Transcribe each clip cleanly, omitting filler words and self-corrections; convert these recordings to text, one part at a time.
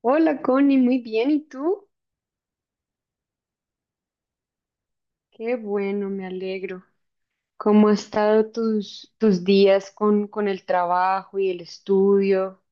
Hola Connie, muy bien. ¿Y tú? Qué bueno, me alegro. ¿Cómo han estado tus días con el trabajo y el estudio?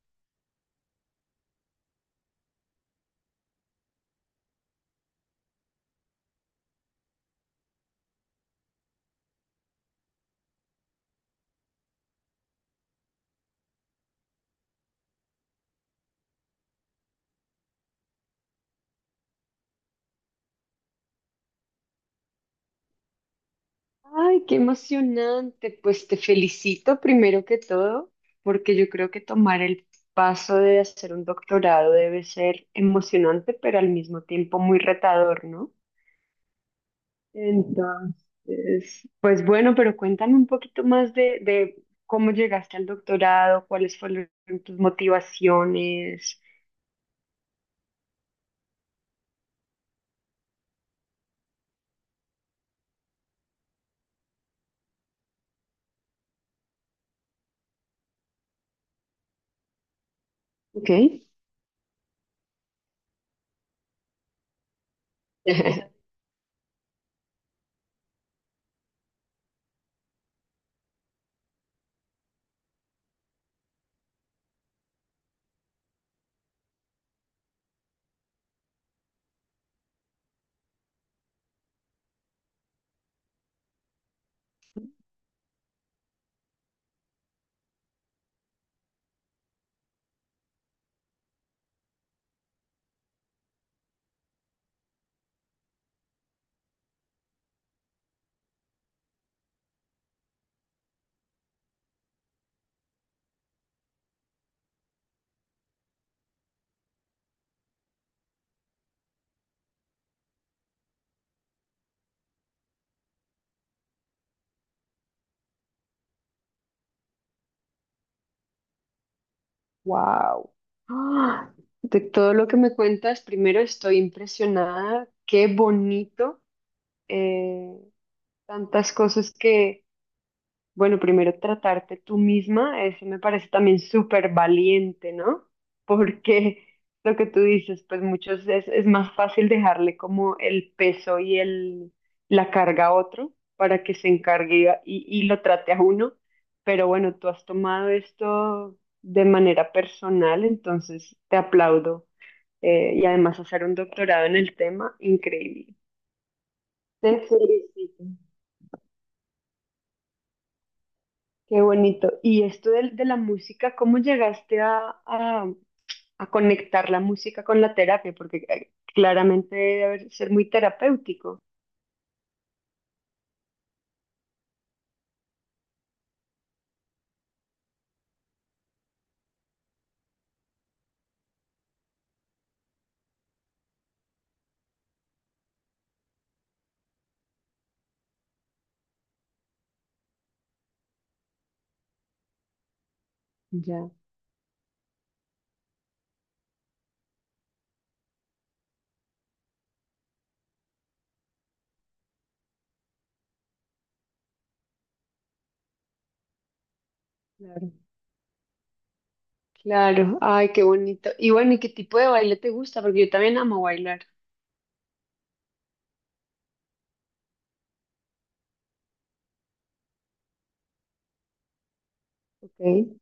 Ay, qué emocionante. Pues te felicito primero que todo, porque yo creo que tomar el paso de hacer un doctorado debe ser emocionante, pero al mismo tiempo muy retador, ¿no? Entonces, pues bueno, pero cuéntame un poquito más de cómo llegaste al doctorado, cuáles fueron tus motivaciones. Ok. Wow. ¡Ah! De todo lo que me cuentas, primero estoy impresionada. Qué bonito. eh, Tantas cosas que bueno, primero tratarte tú misma, eso me parece también súper valiente, ¿no? Porque lo que tú dices, pues muchos es más fácil dejarle como el peso y el, la carga a otro para que se encargue y lo trate a uno. Pero bueno, tú has tomado esto de manera personal, entonces te aplaudo. Y además hacer un doctorado en el tema, increíble. Te felicito. Qué bonito. Y esto del- de, la música, ¿cómo llegaste a- a conectar la música con la terapia? Porque claramente debe haber- ser muy terapéutico. Ya, claro. Claro, ay, qué bonito. Y bueno, ¿y qué tipo de baile te gusta? Porque yo también amo bailar. Ok.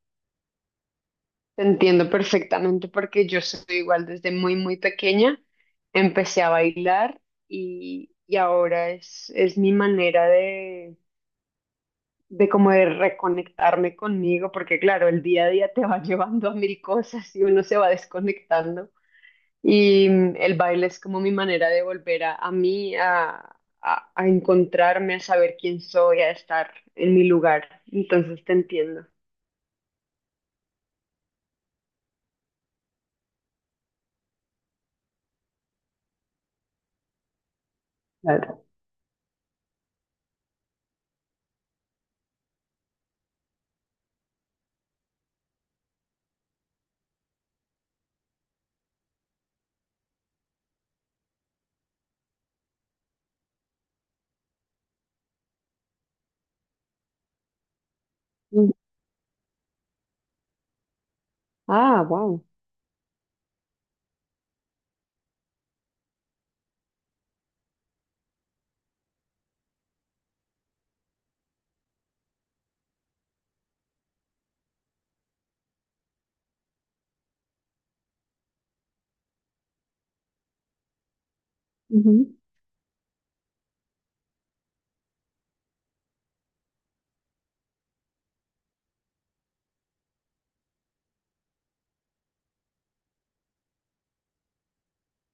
Te entiendo perfectamente porque yo soy igual desde muy, muy pequeña. Empecé a bailar y ahora es mi manera de como de reconectarme conmigo, porque claro, el día a día te va llevando a mil cosas y uno se va desconectando. Y mm, el baile es como mi manera de volver a mí, a encontrarme, a saber quién soy, a estar en mi lugar. Entonces te entiendo. Claro. Mm. Ah, wow.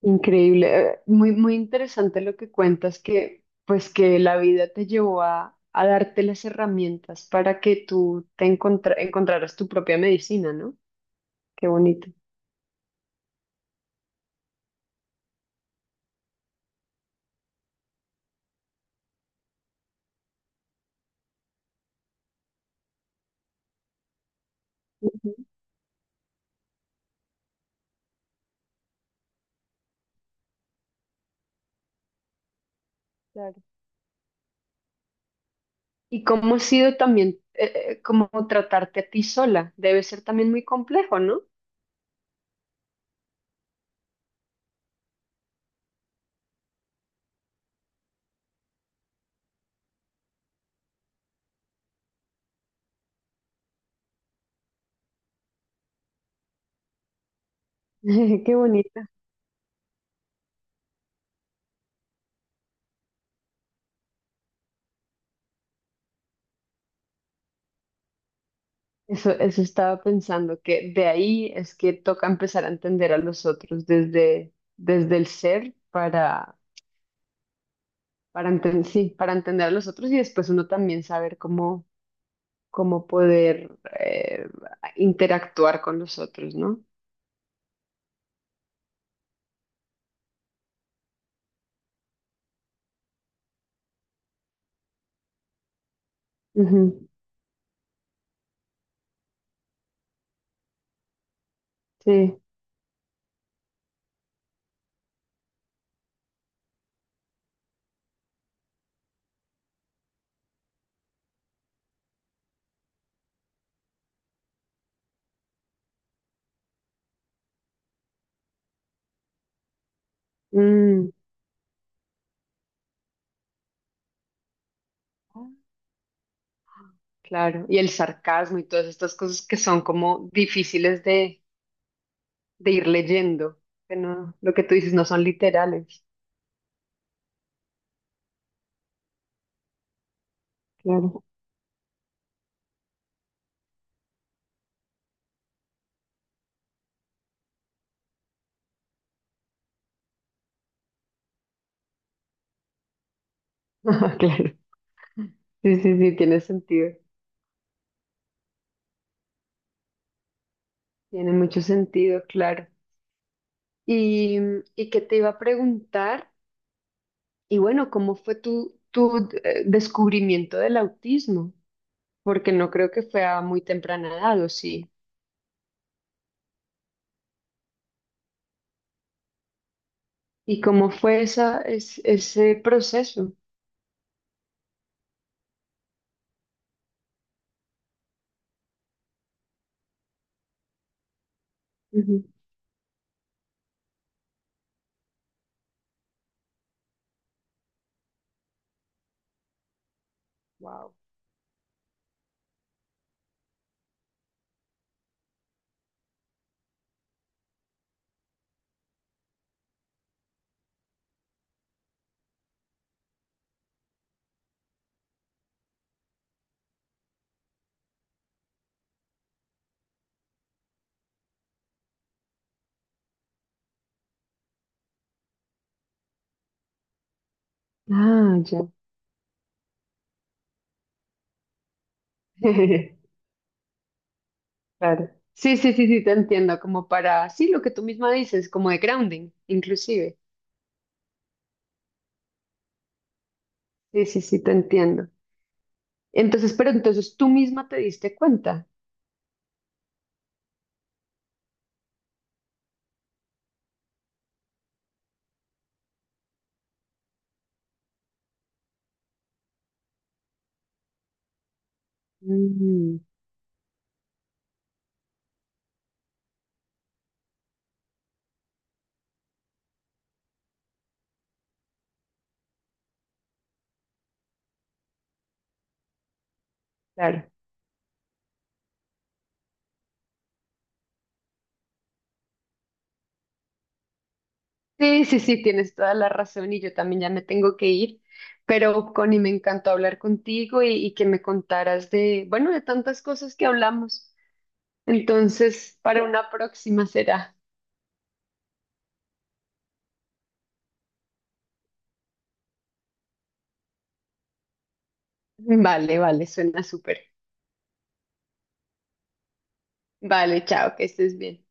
Increíble, muy, muy interesante lo que cuentas, que pues que la vida te llevó a darte las herramientas para que tú te encontra- encontraras tu propia medicina, ¿no? Qué bonito. Ujú, claro. ¿Y cómo ha sido también como tratarte a ti sola? Debe ser también muy complejo, ¿no? Qué bonita. Eso estaba pensando, que de ahí es que toca empezar a entender a los otros desde, desde el ser para entender sí, para entender a los otros y después uno también saber cómo, cómo poder eh, interactuar con los otros, ¿no? Ujú, sí. Mm, claro. Y el sarcasmo y todas estas cosas que son como difíciles de ir leyendo, que no, lo que tú dices no son literales. Claro. Claro. Sí, sí, sí, tiene sentido. Tiene mucho sentido, claro. Y, y qué te iba a preguntar. Y bueno, ¿cómo fue tu, tu descubrimiento del autismo? Porque no creo que fue a muy temprana edad, ¿o sí? ¿Y cómo fue esa, es- ese proceso? Wow. Ah, ya. Claro. Sí, sí, sí, sí, te entiendo. Como para, sí, lo que tú misma dices, como de grounding, inclusive. Sí, sí, sí, te entiendo. Entonces, pero entonces tú misma te diste cuenta. Mm, claro. Sí, sí, sí, tienes toda la razón y yo también ya me tengo que ir, pero Connie, me encantó hablar contigo y que me contaras de, bueno, de tantas cosas que hablamos. Entonces, para una próxima será. Vale, vale, suena súper. Vale, chao, que estés bien.